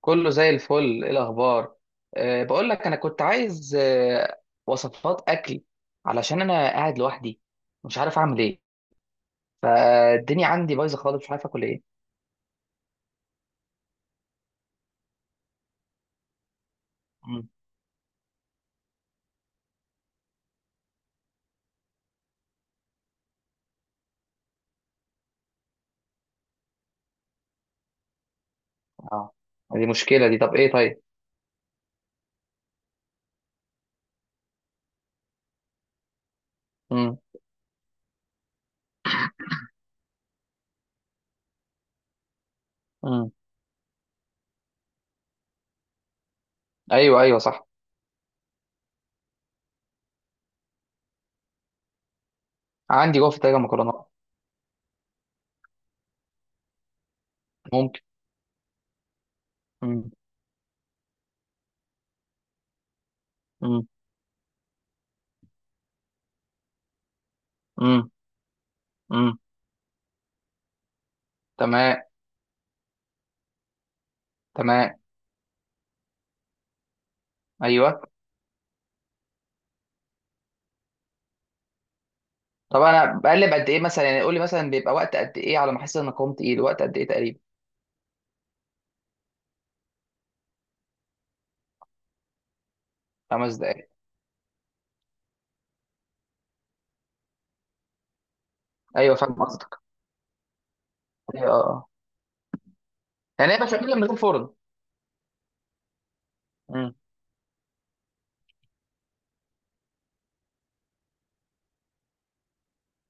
كله زي الفل. ايه الاخبار؟ بقول لك انا كنت عايز وصفات اكل، علشان انا قاعد لوحدي مش عارف اعمل ايه، فالدنيا عندي بايظه خالص مش عارف اكل ايه. مم. اه، دي مشكله دي. طب ايه؟ طيب. مم. مم. ايوه ايوه صح. عندي جوه في التلاجه مكرونات. ممكن. مم. مم. مم. مم. تمام. تمام. ايوه. طب انا بقلب قد ايه مثلا؟ يعني قول لي مثلا بيبقى وقت قد ايه على ما احس ان أنا قمت ايه، وقت قد ايه تقريبا؟ خمس دقائق. ايوه فاهم قصدك. ايوه اه. يعني هيبقى شغال من غير فرن؟ مم.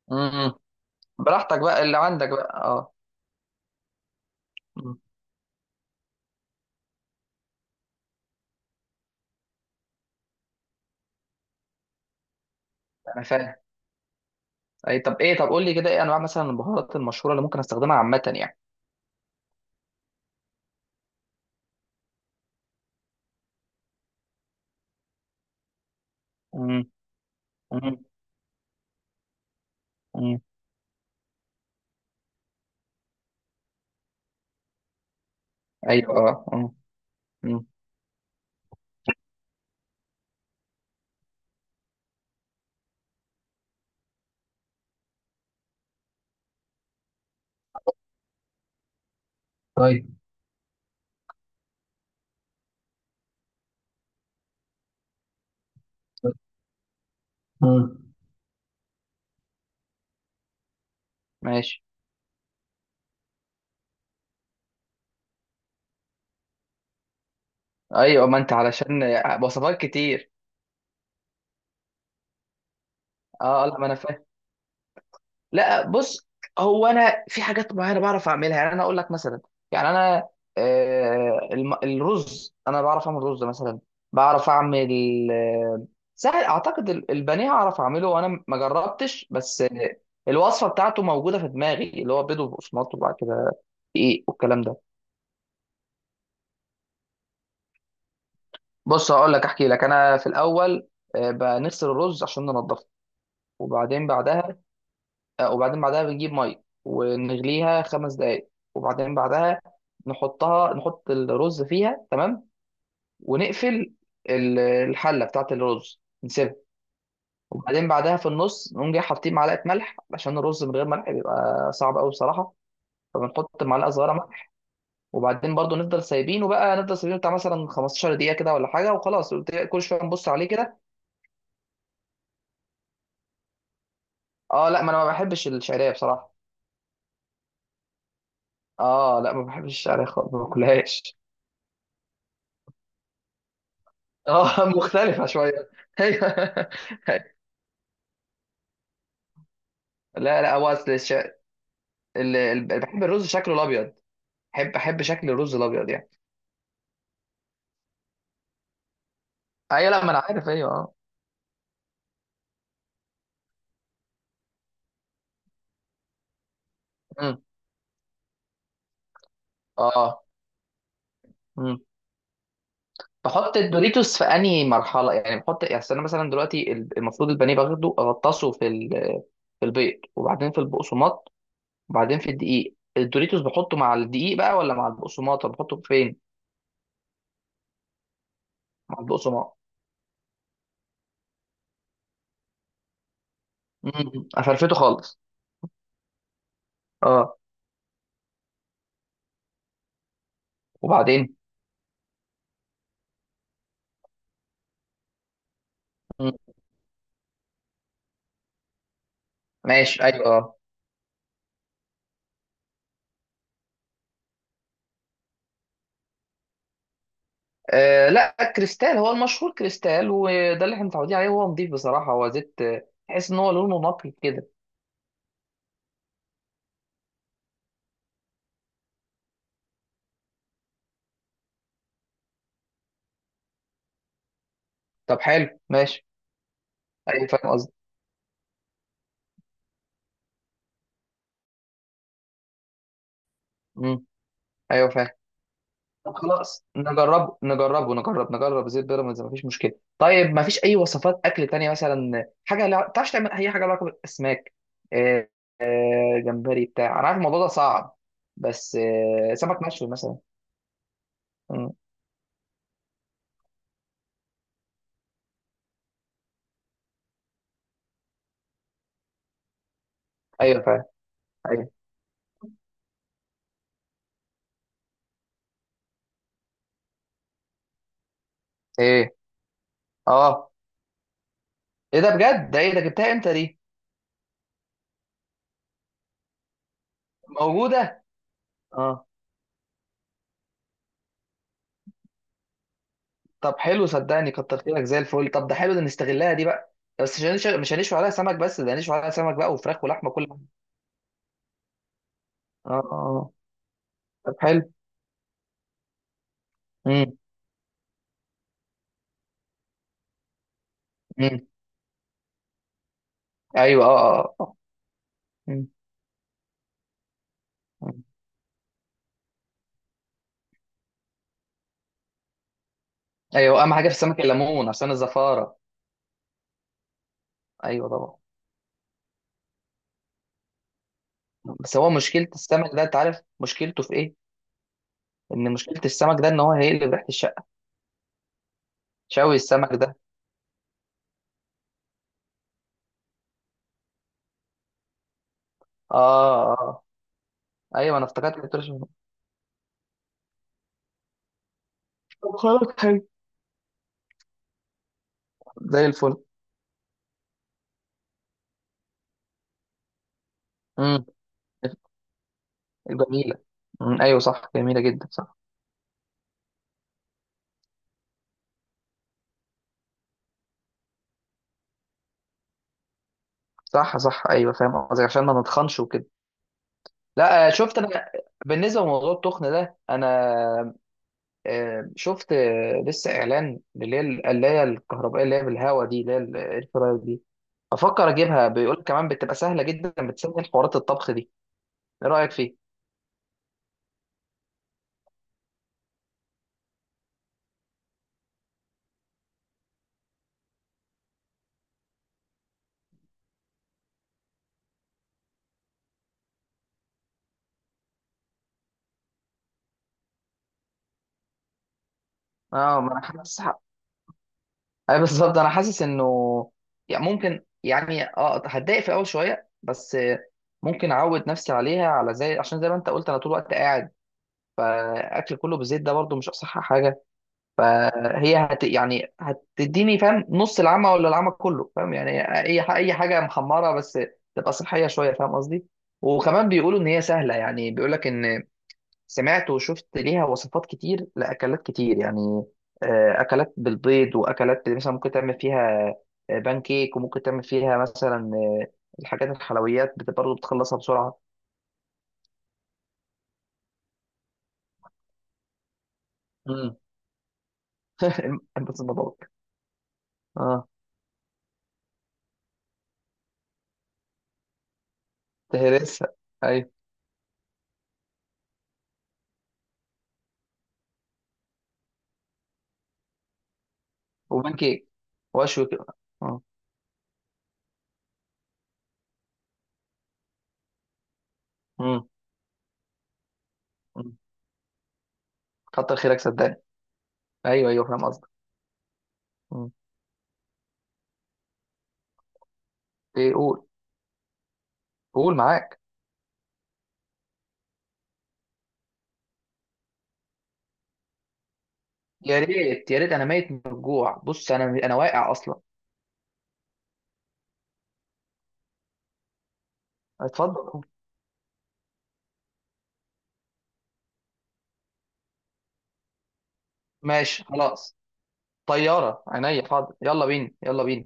مم. براحتك بقى اللي عندك بقى اه. مم. انا فاهم. اي طب ايه؟ طب قول لي كده ايه انواع مثلا البهارات المشهوره اللي ممكن استخدمها عامه يعني؟ مم. مم. مم. ايوه اه اه. مم. طيب. مم. ماشي. ايوه، ما انت علشان وصفات كتير. اه لا، ما انا فاهم. لا بص، هو انا في حاجات معينه بعرف اعملها. يعني انا اقول لك مثلا، يعني انا الرز انا بعرف اعمل رز مثلا. بعرف اعمل سهل اعتقد البانيه اعرف اعمله وانا ما جربتش، بس الوصفه بتاعته موجوده في دماغي، اللي هو بيض وبقسماط وبعد كده ايه والكلام ده. بص هقول لك، احكي لك انا في الاول. بنغسل الرز عشان ننضفه، وبعدين بعدها، وبعدين بعدها بنجيب ميه ونغليها خمس دقايق، وبعدين بعدها نحطها، نحط الرز فيها. تمام. ونقفل الحله بتاعت الرز، نسيبها. وبعدين بعدها في النص نقوم جاي حاطين معلقه ملح، عشان الرز من غير ملح بيبقى صعب قوي بصراحه، فبنحط معلقه صغيره ملح. وبعدين برضو نفضل سايبينه بقى، نفضل سايبينه بتاع مثلا 15 دقيقه كده ولا حاجه، وخلاص كل شويه نبص عليه كده. اه لا، ما انا ما بحبش الشعريه بصراحه. اه لا، ما بحبش الشعريه خالص، ما باكلهاش. اه مختلفة شوية. ايوه لا لا، هو اصل بحب الرز شكله الابيض. بحب شكل الرز الابيض يعني. ايوه لا، ما انا عارف. ايوه اه. مم. اه. مم. بحط الدوريتوس في انهي مرحلة يعني؟ بحط يعني، أصل انا مثلا دلوقتي المفروض البانيه باخده اغطسه في في البيض، وبعدين في البقسماط، وبعدين في الدقيق. الدوريتوس بحطه مع الدقيق بقى ولا مع البقسماط؟ طب بحطه فين؟ مع البقسماط. مم. افرفته خالص. اه. وبعدين؟ مم. ماشي. ايوه آه لا، كريستال هو المشهور، كريستال، وده اللي احنا متعودين عليه. هو نضيف بصراحه، هو زيت تحس ان هو لونه نقي كده. طب حلو ماشي. ايوه فاهم قصدي. امم. ايوه فاهم. طب خلاص نجربه، نجربه، نجرب زيت بيراميدز، مفيش مشكله. طيب مفيش اي وصفات اكل تانية مثلا، حاجه لا تعرفش تعمل اي حاجه لها علاقه بالاسماك؟ آه، آه جمبري بتاع، انا عارف الموضوع ده صعب، بس آه سمك مشوي مثلا. مم. ايوه فاهم. ايوه. ايه اه؟ ايه ده بجد؟ ده ايه ده، جبتها امتى دي؟ موجوده؟ اه. طب حلو، صدقني كتر خيرك. زي الفل. طب ده حلو ده، نستغلها دي بقى. بس مش مش هنشوي عليها سمك بس، ده هنشوي عليها سمك بقى وفراخ ولحمه كل حاجه. اه اه آه. طب حلو. امم. امم. ايوه اه اه آه. مم. مم. ايوه، اهم حاجه في السمك الليمون عشان الزفاره. ايوه طبعا. بس هو مشكله السمك ده، انت عارف مشكلته في ايه؟ ان مشكله السمك ده، ان هو هيقلب ريحه الشقه، شوي السمك ده. اه اه آه. ايوه انا افتكرت كنت بتقول. طب خلاص حلو. زي الفل. امم. جميله. مم. ايوه صح، جميله جدا، صح. صح صح، ايوه فاهم قصدك، عشان ما نتخنش وكده. لا شفت انا، بالنسبه لموضوع التخن ده، انا شفت لسه اعلان اللي هي القلايه الكهربائيه اللي هي بالهواء دي، اللي هي الاير فراير دي. افكر اجيبها، بيقول كمان بتبقى سهله جدا، بتسهل حوارات الطبخ دي. ايه رايك فيه؟ اه ما انا حاسس، اي بالظبط انا حاسس انه يعني ممكن، يعني اه هتضايق في اول شويه، بس ممكن اعود نفسي عليها، على زي، عشان زي ما انت قلت انا طول الوقت قاعد، فاكل كله بالزيت ده برضو مش اصح حاجه. فهي هت، يعني هتديني فاهم نص العمى ولا العمى كله، فاهم؟ يعني اي اي حاجه محمره بس تبقى صحيه شويه، فاهم قصدي؟ وكمان بيقولوا ان هي سهله، يعني بيقول لك ان، سمعت وشفت ليها وصفات كتير لاكلات كتير يعني، اكلات بالبيض، واكلات مثلا ممكن تعمل فيها بانكيك، وممكن تعمل فيها مثلا الحاجات الحلويات برضه بتخلصها بسرعه. امم. بس الموضوع اه. تهرسها. ايوه. وبانكيك. واشوي كده. آه. امم. كتر خيرك صدقني. ايوه ايوه فاهم قصدك. مم. ايه قول. قول معاك. يا ريت يا ريت، انا ميت من الجوع. بص انا واقع اصلا. اتفضل. ماشي خلاص. طياره عينيا، حاضر، يلا بينا يلا بينا.